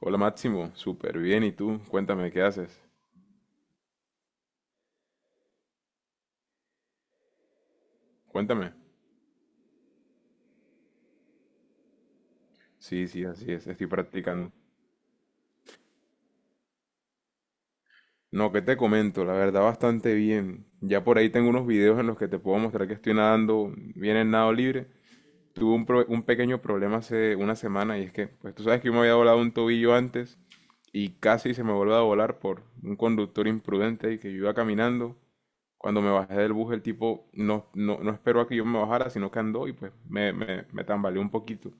Hola Máximo, súper bien. ¿Y tú? Cuéntame, ¿qué haces? Cuéntame. Sí, sí, así es, estoy practicando. No, ¿qué te comento? La verdad, bastante bien. Ya por ahí tengo unos videos en los que te puedo mostrar que estoy nadando bien en nado libre. Tuve un pequeño problema hace una semana y es que, pues tú sabes que yo me había volado un tobillo antes y casi se me vuelve a volar por un conductor imprudente y que yo iba caminando. Cuando me bajé del bus, el tipo no, no, no esperó a que yo me bajara, sino que andó y pues me tambaleó un poquito.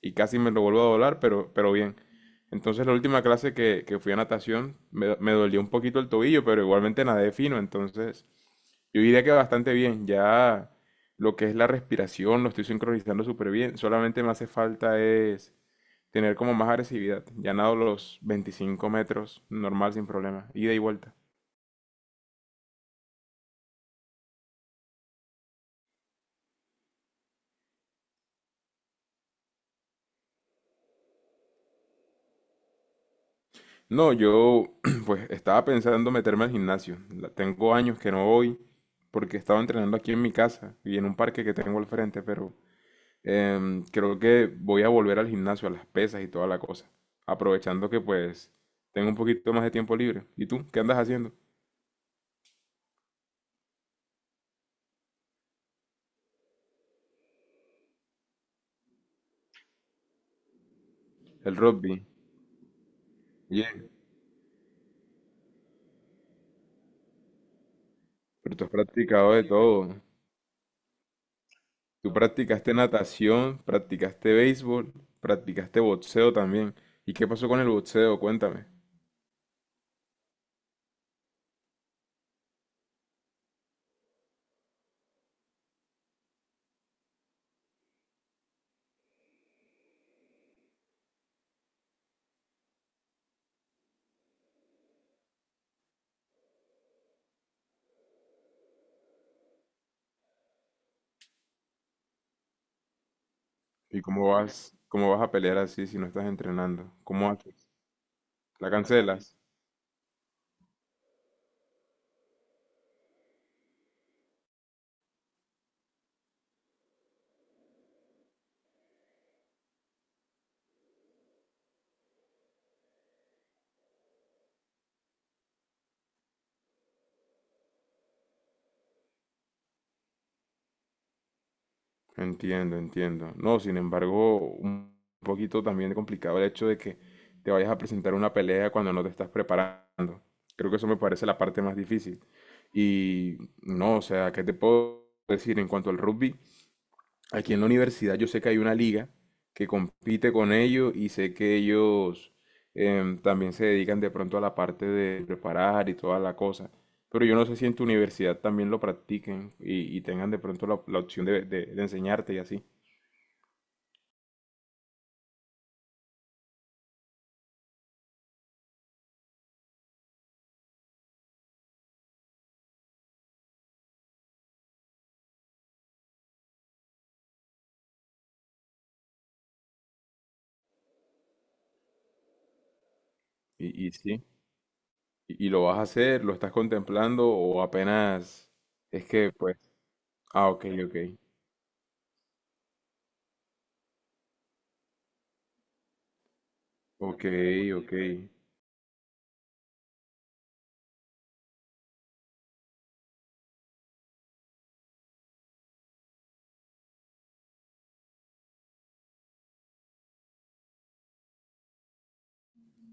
Y casi me lo vuelvo a doblar, pero bien. Entonces la última clase que fui a natación me dolió un poquito el tobillo, pero igualmente nadé fino. Entonces yo diría que bastante bien. Ya lo que es la respiración lo estoy sincronizando súper bien. Solamente me hace falta es tener como más agresividad. Ya nado los 25 metros normal sin problema. Ida y vuelta. No, yo pues estaba pensando meterme al gimnasio. Tengo años que no voy porque estaba entrenando aquí en mi casa y en un parque que tengo al frente, pero creo que voy a volver al gimnasio, a las pesas y toda la cosa. Aprovechando que pues tengo un poquito más de tiempo libre. ¿Y tú? ¿Qué andas haciendo? El rugby. Bien. Pero tú has practicado de todo. Tú practicaste natación, practicaste béisbol, practicaste boxeo también. ¿Y qué pasó con el boxeo? Cuéntame. ¿Y cómo vas a pelear así si no estás entrenando? ¿Cómo haces? ¿La cancelas? Entiendo, entiendo. No, sin embargo, un poquito también complicado el hecho de que te vayas a presentar una pelea cuando no te estás preparando. Creo que eso me parece la parte más difícil. Y no, o sea, ¿qué te puedo decir en cuanto al rugby? Aquí en la universidad yo sé que hay una liga que compite con ellos y sé que ellos también se dedican de pronto a la parte de preparar y toda la cosa. Pero yo no sé si en tu universidad también lo practiquen y tengan de pronto la opción de enseñarte y así. Y sí. Y lo vas a hacer? ¿Lo estás contemplando o apenas es que pues? Ah, ok, ok. Ok, ok.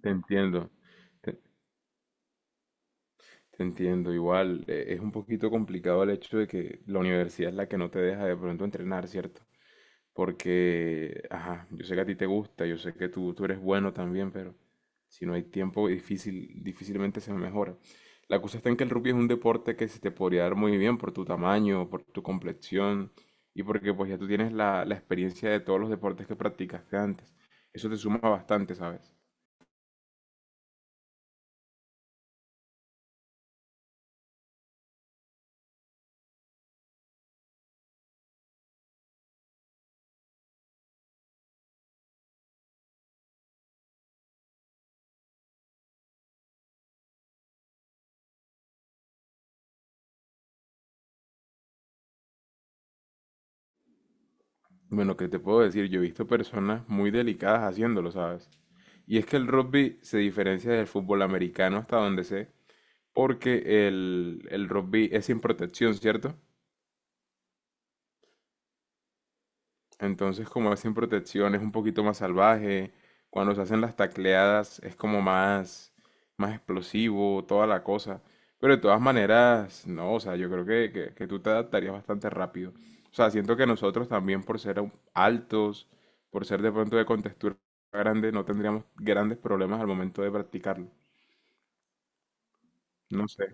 Te entiendo. Te- Te entiendo, igual es un poquito complicado el hecho de que la universidad es la que no te deja de pronto entrenar, ¿cierto? Porque, ajá, yo sé que a ti te gusta, yo sé que tú eres bueno también, pero si no hay tiempo, difícilmente se mejora. La cosa está en que el rugby es un deporte que se te podría dar muy bien por tu tamaño, por tu complexión y porque pues ya tú tienes la experiencia de todos los deportes que practicaste antes. Eso te suma bastante, ¿sabes? Bueno, ¿qué te puedo decir? Yo he visto personas muy delicadas haciéndolo, ¿sabes? Y es que el rugby se diferencia del fútbol americano hasta donde sé, porque el rugby es sin protección, ¿cierto? Entonces, como es sin protección, es un poquito más salvaje. Cuando se hacen las tacleadas es como más, explosivo, toda la cosa. Pero de todas maneras, no, o sea, yo creo que, que tú te adaptarías bastante rápido. O sea, siento que nosotros también por ser altos, por ser de pronto de contextura grande, no tendríamos grandes problemas al momento de practicarlo. No sé,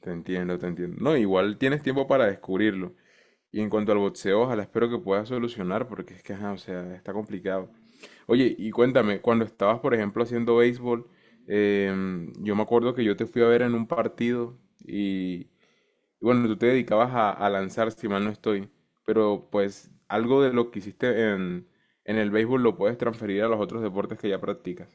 te entiendo, te entiendo. No, igual tienes tiempo para descubrirlo. Y en cuanto al boxeo, ojalá espero que puedas solucionar, porque es que, ajá, o sea, está complicado. Oye, y cuéntame, cuando estabas, por ejemplo, haciendo béisbol, yo me acuerdo que yo te fui a ver en un partido y, y bueno, tú te dedicabas a lanzar, si mal no estoy, pero pues algo de lo que hiciste en, el béisbol lo puedes transferir a los otros deportes que ya practicas.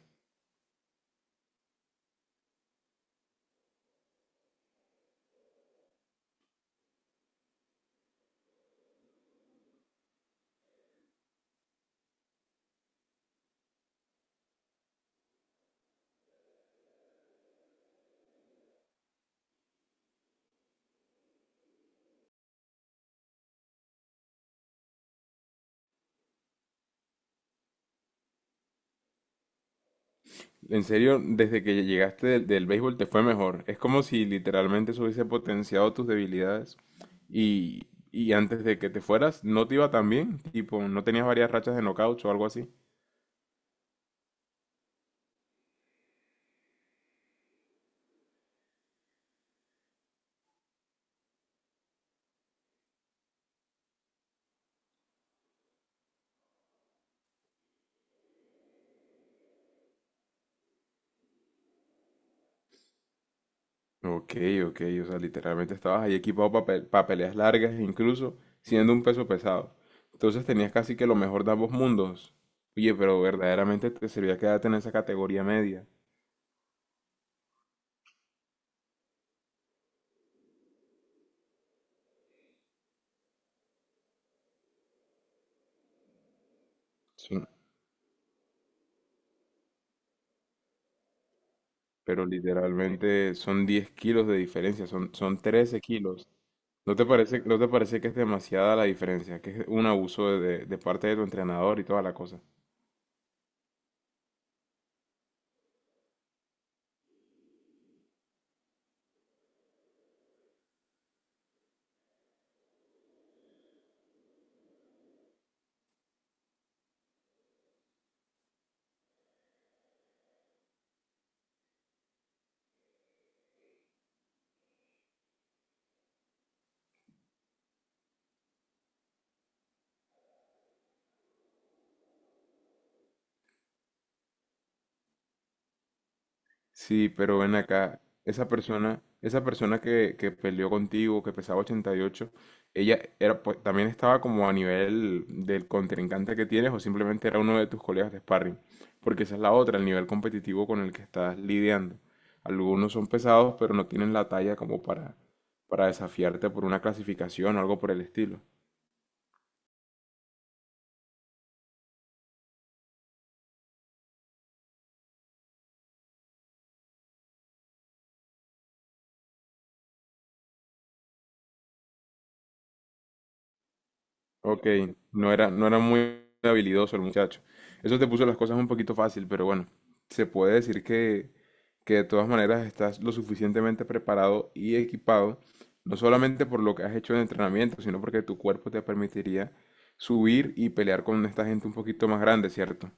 En serio, desde que llegaste del béisbol te fue mejor. Es como si literalmente eso hubiese potenciado tus debilidades y antes de que te fueras no te iba tan bien, tipo, no tenías varias rachas de knockout o algo así. Ok, ok, o sea, literalmente estabas ahí equipado para peleas largas, incluso siendo un peso pesado. Entonces tenías casi que lo mejor de ambos mundos. Oye, pero verdaderamente te servía quedarte en esa categoría media. Sí. Pero literalmente son 10 kilos de diferencia, son, 13 kilos. no te parece que es demasiada la diferencia? Que es un abuso de, de parte de tu entrenador y toda la cosa. Sí, pero ven acá, esa persona que peleó contigo, que pesaba 88, ¿ella era, pues, también estaba como a nivel del contrincante que tienes o simplemente era uno de tus colegas de sparring? Porque esa es la otra, el nivel competitivo con el que estás lidiando. Algunos son pesados, pero no tienen la talla como para, desafiarte por una clasificación o algo por el estilo. Ok, no era muy habilidoso el muchacho. Eso te puso las cosas un poquito fácil, pero bueno, se puede decir que de todas maneras estás lo suficientemente preparado y equipado, no solamente por lo que has hecho en entrenamiento, sino porque tu cuerpo te permitiría subir y pelear con esta gente un poquito más grande, ¿cierto?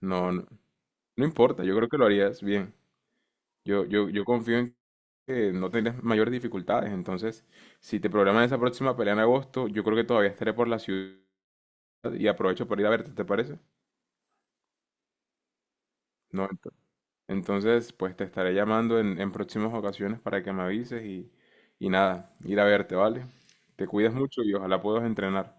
No, no, no importa, yo creo que lo harías bien. Yo, yo confío en que no tendrás mayores dificultades, entonces, si te programas esa próxima pelea en agosto, yo creo que todavía estaré por la ciudad y aprovecho para ir a verte, ¿te parece? No, entonces, pues te estaré llamando en, próximas ocasiones para que me avises y nada, ir a verte, ¿vale? Te cuidas mucho y ojalá puedas entrenar.